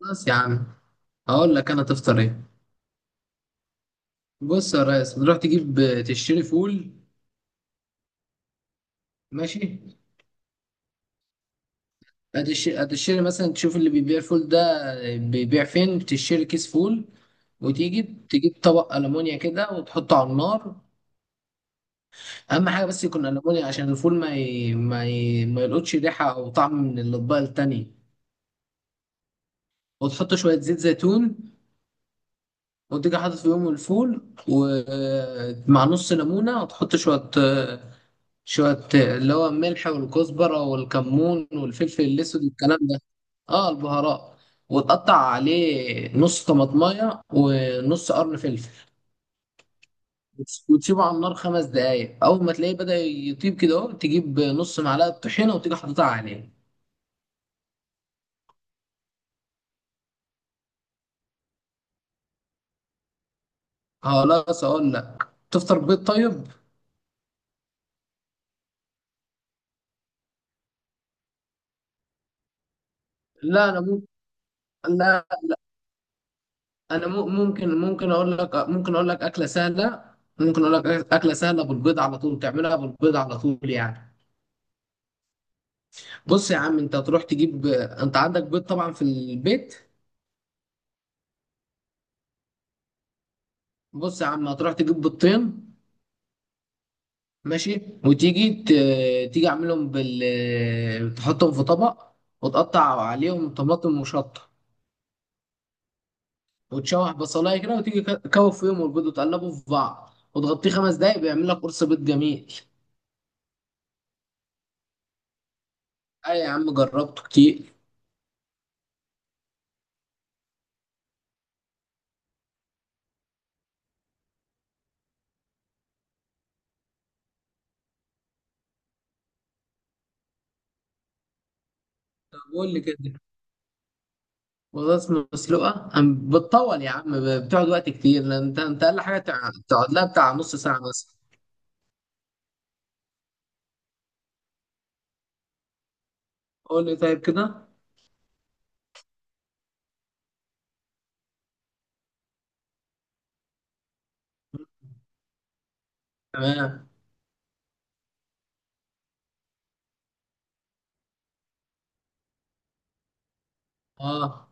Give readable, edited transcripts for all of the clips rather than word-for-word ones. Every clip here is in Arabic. خلاص يا عم، هقول لك انا تفطر ايه. بص يا ريس، تروح تجيب تشتري فول، ماشي. هتشتري مثلا تشوف اللي بيبيع الفول ده بيبيع فين، تشتري كيس فول. وتيجي تجيب طبق ألمونيا كده وتحطه على النار. أهم حاجة بس يكون ألمونيا، عشان الفول ما يلقطش ريحة أو طعم من الأطباق التانية. وتحط شوية زيت زيتون وتيجي حاطط فيهم الفول ومع نص ليمونة، وتحط شوية اللي هو الملح والكزبرة والكمون والفلفل الأسود والكلام ده. اه، البهارات. وتقطع عليه نص طماطماية ونص قرن فلفل. وتسيبه على النار 5 دقايق. أول ما تلاقيه بدأ يطيب كده، أهو تجيب نص معلقة طحينة وتيجي حاططها عليه. خلاص، أقول لك تفطر بيض طيب؟ لا، أنا ممكن. لا، أنا ممكن أقول لك أكلة سهلة ممكن أقول لك أكلة سهلة بالبيض على طول، تعملها بالبيض على طول يعني. بص يا عم، انت هتروح تجيب، انت عندك بيض طبعا في البيت. بص يا عم، هتروح تجيب بيضتين، ماشي. وتيجي ت... تيجي اعملهم تحطهم في طبق. وتقطع عليهم طماطم وشطه. وتشوح بصلايه كده وتيجي كوف فيهم البيض وتقلبه في بعض وتغطيه 5 دقايق، بيعمل لك قرص بيض جميل. اي يا عم، جربته كتير. طب قول لي كده. بطاطس مسلوقه بتطول يا عم، بتقعد وقت كتير، لان انت اقل حاجه تقعد لها بتاع نص ساعه مثلا. قول لي طيب كده. تمام. اه،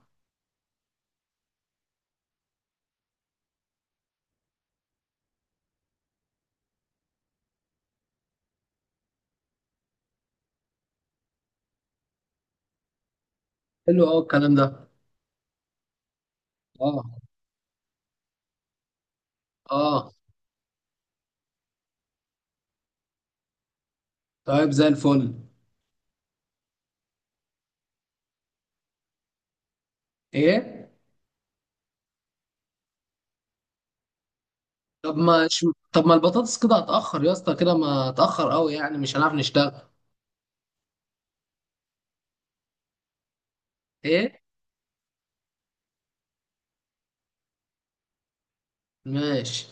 حلو، اه الكلام ده. اه. اه. طيب زي الفل. ايه. طب ما ش... طب ما البطاطس كده هتأخر يا اسطى، كده ما هتأخر قوي يعني مش هنعرف نشتغل. ايه. ماشي.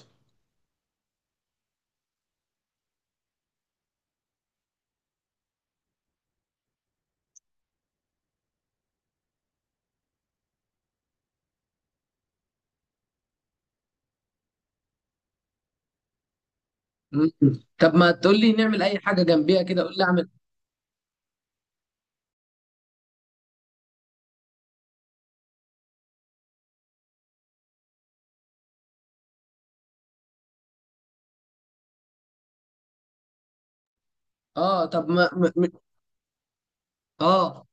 مم. طب ما تقول لي نعمل اي حاجة جنبيها كده، قول لي اعمل. اه، طب ما اه.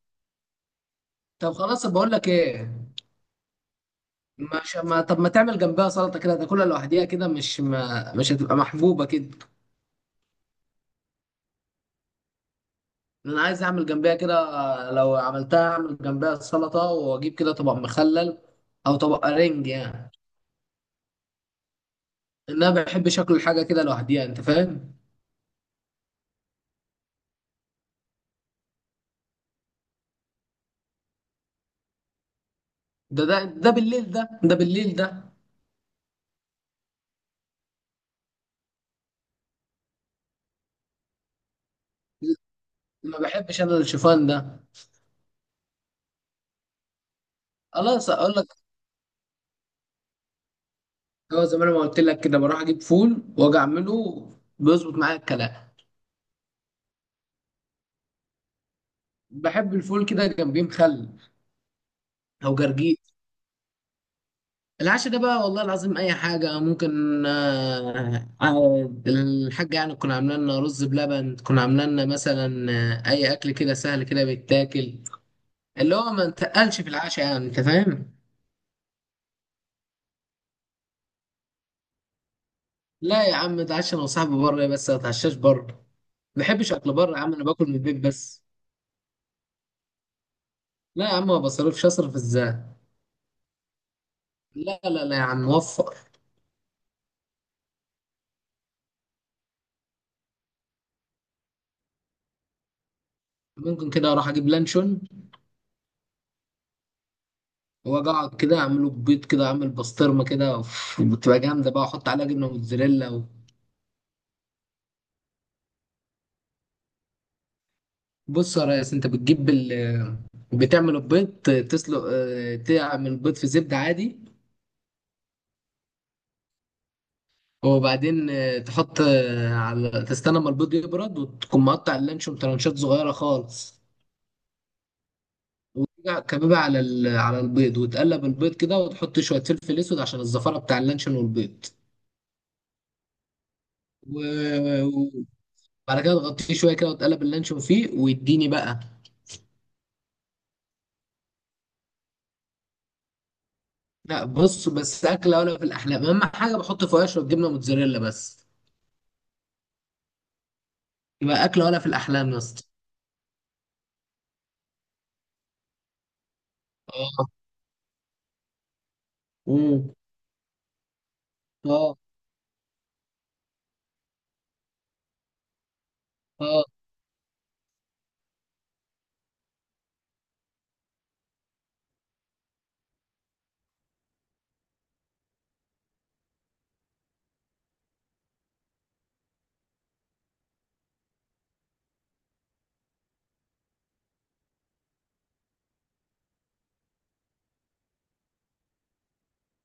طب خلاص بقول لك ايه. مش ما طب ما تعمل جنبها سلطة كده تاكلها لوحديها كده، مش هتبقى محبوبة كده. انا عايز اعمل جنبها كده، لو عملتها اعمل جنبها سلطه واجيب كده طبق مخلل او طبق رنج يعني. ان انا بحب شكل الحاجه كده لوحديها، انت فاهم. ده بالليل، ده بالليل ده. ما بحبش انا الشوفان ده. خلاص اقول لك. هو زي ما انا ما قلت لك كده، بروح اجيب فول واجي اعمله، بيظبط معايا الكلام. بحب الفول كده جنبيه مخلل او جرجير. العشاء ده بقى والله العظيم اي حاجه ممكن، الحاجه يعني تكون عامله لنا رز بلبن، تكون عامله لنا مثلا اي اكل كده سهل كده بيتاكل، اللي هو ما نتقلش في العشاء يعني، انت فاهم. لا يا عم، اتعشى انا وصاحبي بره، بس ما اتعشاش بره. ما بحبش اكل بره يا عم، انا باكل من البيت بس. لا يا عم، ما بصرفش، اصرف ازاي. لا، لا، لا يا عم، وفر. ممكن كده اروح اجيب لانشون واجي اقعد كده اعمله بيض كده، اعمل بسطرمه كده، أوف، بتبقى جامده بقى، احط عليها جبنه موتزاريلا. بص يا ريس، انت بتجيب بتعمل البيض. تسلق، تعمل البيض في زبدة عادي. وبعدين تحط اه، على تستنى ما البيض يبرد، وتكون مقطع اللانشون ترانشات صغيرة خالص. وترجع كبيبة على البيض، وتقلب البيض كده وتحط شوية فلفل اسود عشان الزفارة بتاع اللانشون والبيض. و- وبعد كده تغطيه شوية كده وتقلب اللانشون فيه ويديني بقى. لا، بص بس، أكلة ولا في الأحلام. أهم حاجة بحط فيها شوية جبنة موتزاريلا بس، يبقى أكلة ولا في الأحلام يا اسطى. امم. اه، اه،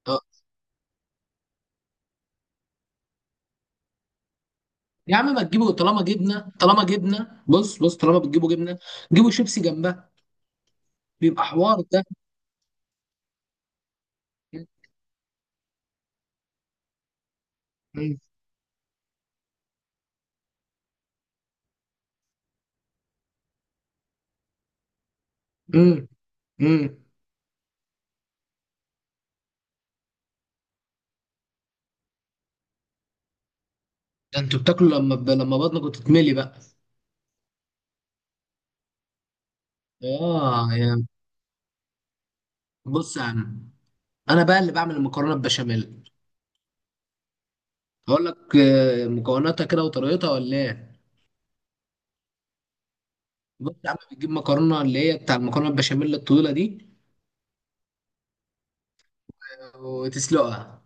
اه يا عم ما تجيبوا، طالما جبنه طالما جبنه، بص بص، طالما بتجيبوا جبنه، جيبوا شيبسي جنبها. بيبقى حوار ده. امم. امم. امم. ده انتوا بتاكلوا لما لما بطنكم تتملي بقى. اه، بص يا عم، انا بقى اللي بعمل المكرونه البشاميل. هقول لك مكوناتها كده وطريقتها ولا ايه. بص يا عم، بتجيب مكرونه اللي هي بتاع المكرونه البشاميل الطويله دي. وتسلقها.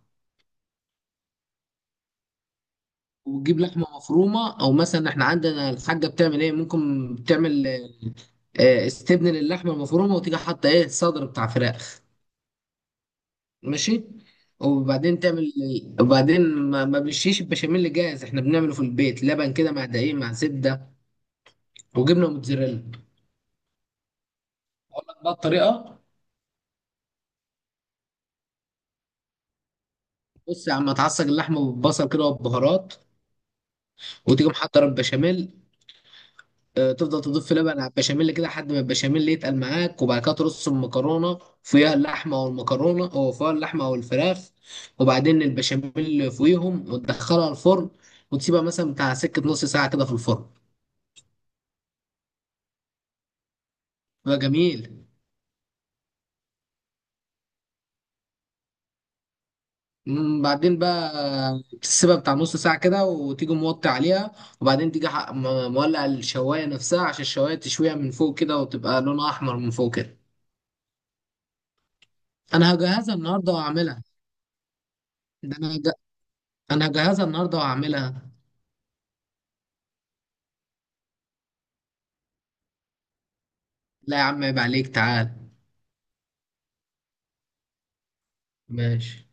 وتجيب لحمه مفرومه، او مثلا احنا عندنا الحاجه بتعمل ايه، ممكن بتعمل استبن للحمه المفرومه، وتيجي حاطه ايه صدر بتاع فراخ. ماشي. وبعدين تعمل وبعدين ما بنشيش البشاميل جاهز، احنا بنعمله في البيت لبن كده مع دقيق مع زبده وجبنه موتزاريلا. اقول لك بقى الطريقه. بص يا عم، هتعصج اللحمه بالبصل كده والبهارات، وتيجي محضر البشاميل، تفضل تضيف لبن على البشاميل كده لحد ما البشاميل يتقل معاك، وبعد كده ترص المكرونه فيها اللحمه او المكرونه او فيها اللحمه او الفراخ، وبعدين البشاميل فوقيهم وتدخلها الفرن، وتسيبها مثلا بتاع سكه نص ساعه كده في الفرن. بقى جميل. بعدين بقى تسيبها بتاع نص ساعة كده وتيجي موطي عليها، وبعدين تيجي مولع الشواية نفسها عشان الشواية تشويها من فوق كده وتبقى لونها أحمر من فوق كده. أنا هجهزها النهاردة وأعملها. ده أنا هج- أنا هجهزها النهاردة وأعملها. لا يا عم، عيب عليك، تعال. ماشي.